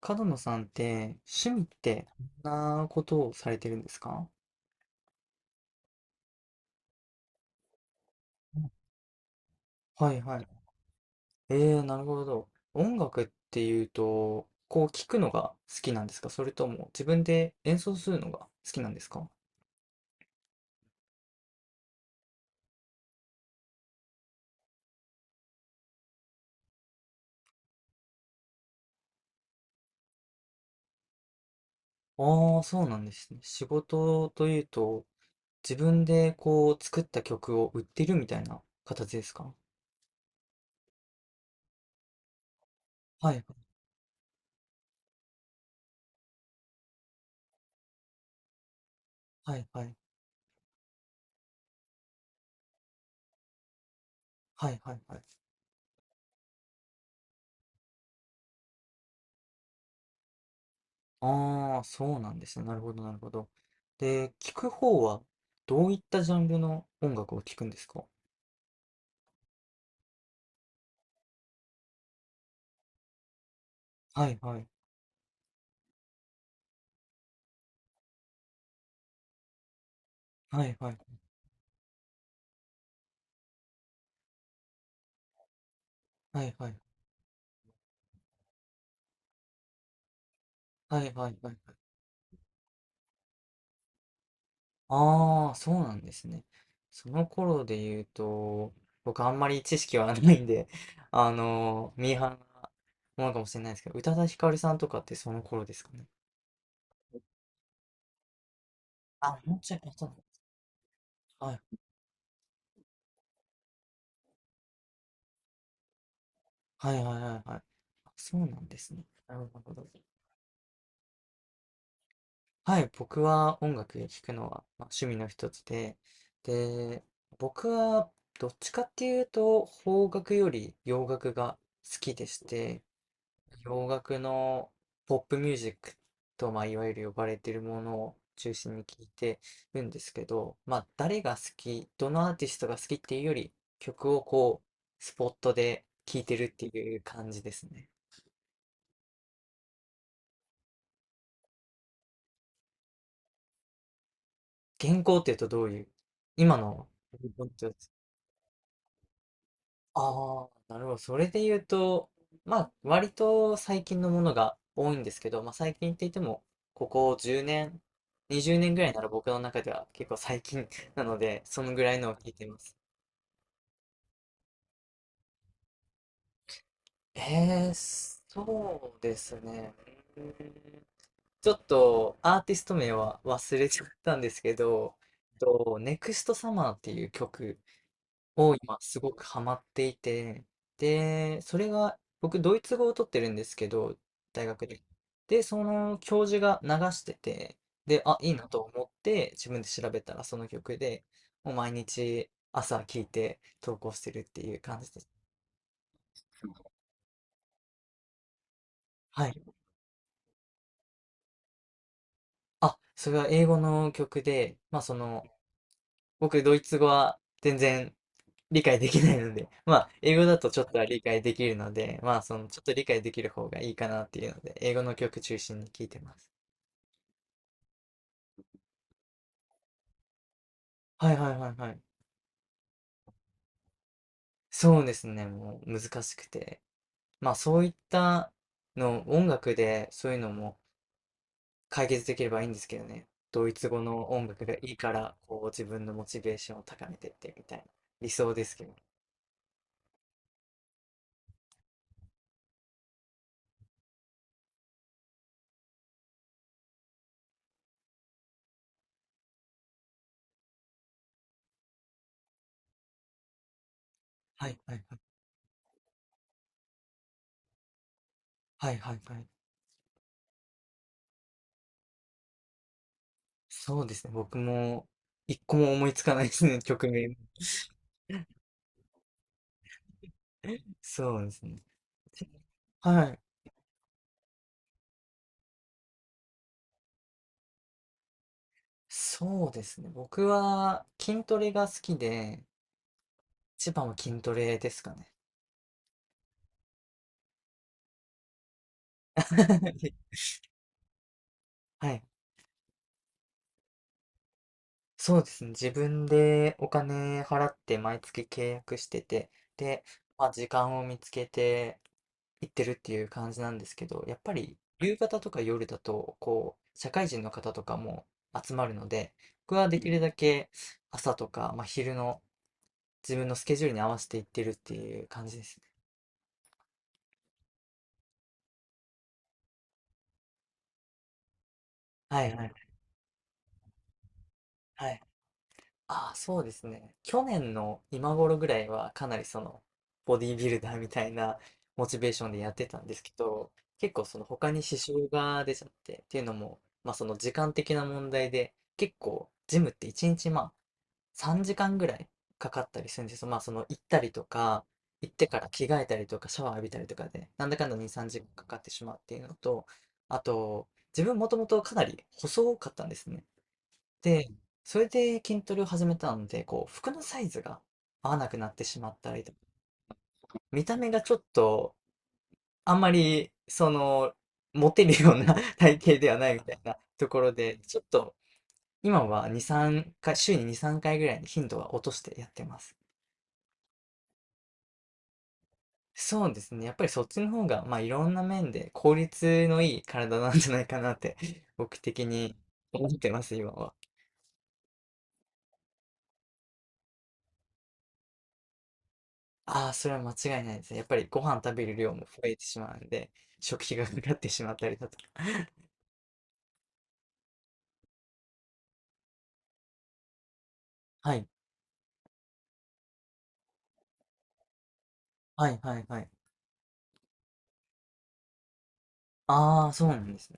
角野さんって趣味ってどんなことをされてるんですか？はいはい。なるほど。音楽っていうと、こう聞くのが好きなんですか？それとも自分で演奏するのが好きなんですか？ああ、そうなんですね。仕事というと、自分でこう作った曲を売ってるみたいな形ですか？はいはいはいはいはいはい。ああ、そうなんですね。なるほど、なるほど。で、聞く方はどういったジャンルの音楽を聞くんですか？はいはい。はいはい。はいはい。はいはいはいはい。ああ、そうなんですね。その頃で言うと、僕あんまり知識はないんで、ミーハーなものかもしれないですけど、宇多田ヒカルさんとかってその頃ですかね。あ、もうちょい後だ。はい。はいはいはいはい。あ、そうなんですね。なるほど。はい、僕は音楽聴くのは、まあ、趣味の一つで、で、僕はどっちかっていうと邦楽より洋楽が好きでして、洋楽のポップミュージックと、まあ、いわゆる呼ばれているものを中心に聴いてるんですけど、まあ、誰が好き、どのアーティストが好きっていうより、曲をこう、スポットで聴いてるっていう感じですね。原稿っていうとどういう、今の。ああ、なるほど。それで言うと、まあ、割と最近のものが多いんですけど、まあ、最近って言っても、ここ10年、20年ぐらいなら僕の中では結構最近 なので、そのぐらいのを聞いています。えー、そうですね。うーんちょっとアーティスト名は忘れちゃったんですけど、ネクストサマーっていう曲を今すごくハマっていて、で、それが、僕、ドイツ語を取ってるんですけど、大学で。で、その教授が流してて、で、あ、いいなと思って、自分で調べたらその曲で、もう毎日朝聴いて投稿してるっていう感じです。はい。あ、それは英語の曲で、まあその、僕、ドイツ語は全然理解できないので、まあ、英語だとちょっとは理解できるので、まあ、その、ちょっと理解できる方がいいかなっていうので、英語の曲中心に聞いてます。はいはいはいはい。そうですね、もう難しくて。まあ、そういったの、音楽でそういうのも解決できればいいんですけどね。ドイツ語の音楽がいいから、こう、自分のモチベーションを高めてってみたいな理想ですけど。はいはいはい。はいはいはい。そうですね、僕も一個も思いつかないですね、曲名。そうですね。はい。そうですね。僕は筋トレが好きで、一番は筋トレですかね。はい。そうですね。自分でお金払って毎月契約してて、で、まあ時間を見つけて行ってるっていう感じなんですけど、やっぱり夕方とか夜だと、こう、社会人の方とかも集まるので、僕はできるだけ朝とか、まあ昼の自分のスケジュールに合わせて行ってるっていう感じですね。はいはい。はい。ああ、そうですね。去年の今頃ぐらいはかなりそのボディービルダーみたいなモチベーションでやってたんですけど、結構その他に支障が出ちゃって、っていうのも、まあその時間的な問題で、結構ジムって1日まあ3時間ぐらいかかったりするんですよ。まあその行ったりとか、行ってから着替えたりとかシャワー浴びたりとかで、なんだかんだ2、3時間かかってしまうっていうのと、あと、自分もともとかなり細かったんですね。で、それで筋トレを始めたので、こう、服のサイズが合わなくなってしまったりとか、見た目がちょっと、あんまり、その、モテるような 体型ではないみたいなところで、ちょっと、今は2、3回、週に2、3回ぐらいに頻度は落としてやってます。そうですね。やっぱりそっちの方が、まあ、いろんな面で効率のいい体なんじゃないかなって、僕的に思ってます、今は。ああ、それは間違いないですね。やっぱりご飯食べる量も増えてしまうんで、食費がかかってしまったりだとか。はい。はい、はい、はい。ああ、そうなんですね。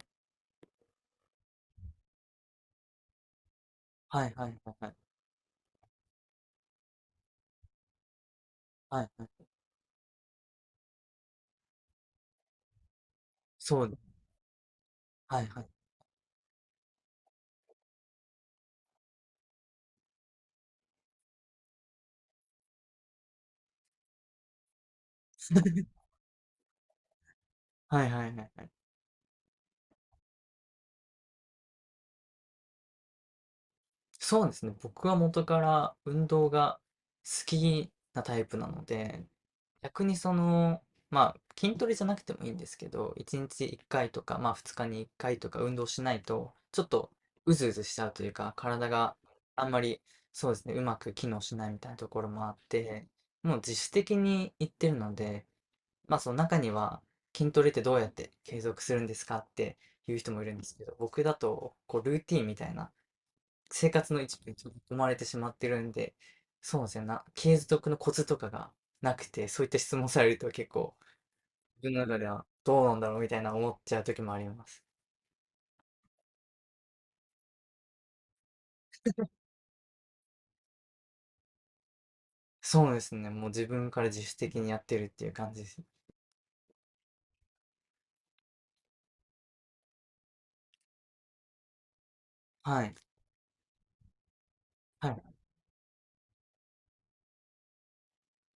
はい、はい、はい、はい。はい、はい。そう。はい、はい。はい、はい、はい。はい。そうですね。僕は元から運動が好きなタイプなので、逆にその、まあ、筋トレじゃなくてもいいんですけど、1日1回とか、まあ2日に1回とか運動しないと、ちょっとうずうずしちゃうというか、体があんまり、そうですね、うまく機能しないみたいなところもあって、もう自主的に行ってるので、まあその中には、筋トレってどうやって継続するんですかっていう人もいるんですけど、僕だと、こう、ルーティンみたいな、生活の一部に生まれてしまってるんで、そうですね、継続のコツとかがなくて、そういった質問されると結構、自分の中ではどうなんだろうみたいな思っちゃう時もあります。そうですね、もう自分から自主的にやってるっていう感じです。はい。はい。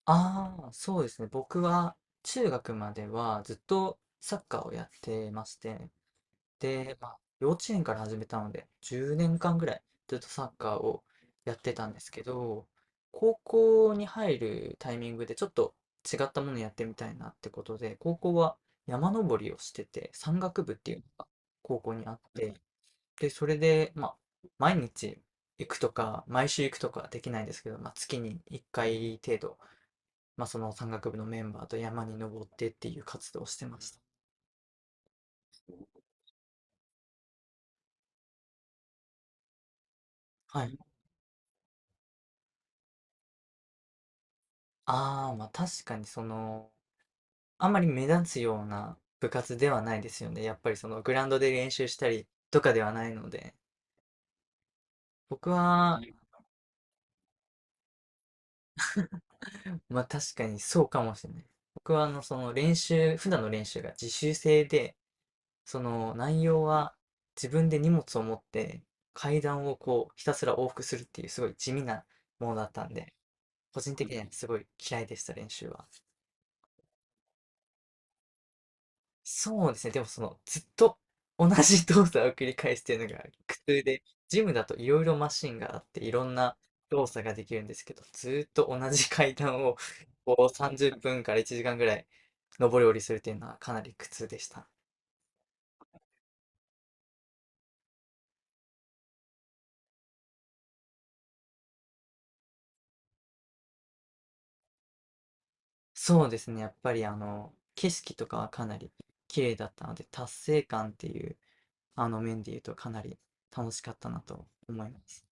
ああ、そうですね、僕は中学まではずっとサッカーをやってまして、で、まあ、幼稚園から始めたので、10年間ぐらいずっとサッカーをやってたんですけど、高校に入るタイミングでちょっと違ったものやってみたいなってことで、高校は山登りをしてて、山岳部っていうのが高校にあって、で、それで、まあ、毎日行くとか、毎週行くとかはできないんですけど、まあ、月に1回程度、まあ、その山岳部のメンバーと山に登ってっていう活動をしてました。はい。ああ、まあ確かにその、あんまり目立つような部活ではないですよね。やっぱりそのグラウンドで練習したりとかではないので。僕は、まあ確かにそうかもしれない。僕はあのその練習、普段の練習が自習制で、その内容は自分で荷物を持って階段をこうひたすら往復するっていうすごい地味なものだったんで、個人的にはすごい嫌いでした練習は。そうですね。でもその、ずっと同じ動作を繰り返すっていうのが苦痛で、ジムだといろいろマシンがあって、いろんな動作ができるんですけど、ずっと同じ階段をこう30分から1時間ぐらい上り下りするっていうのはかなり苦痛でした。そうですね。やっぱりあの、景色とかはかなり綺麗だったので、達成感っていうあの面で言うとかなり楽しかったなと思います。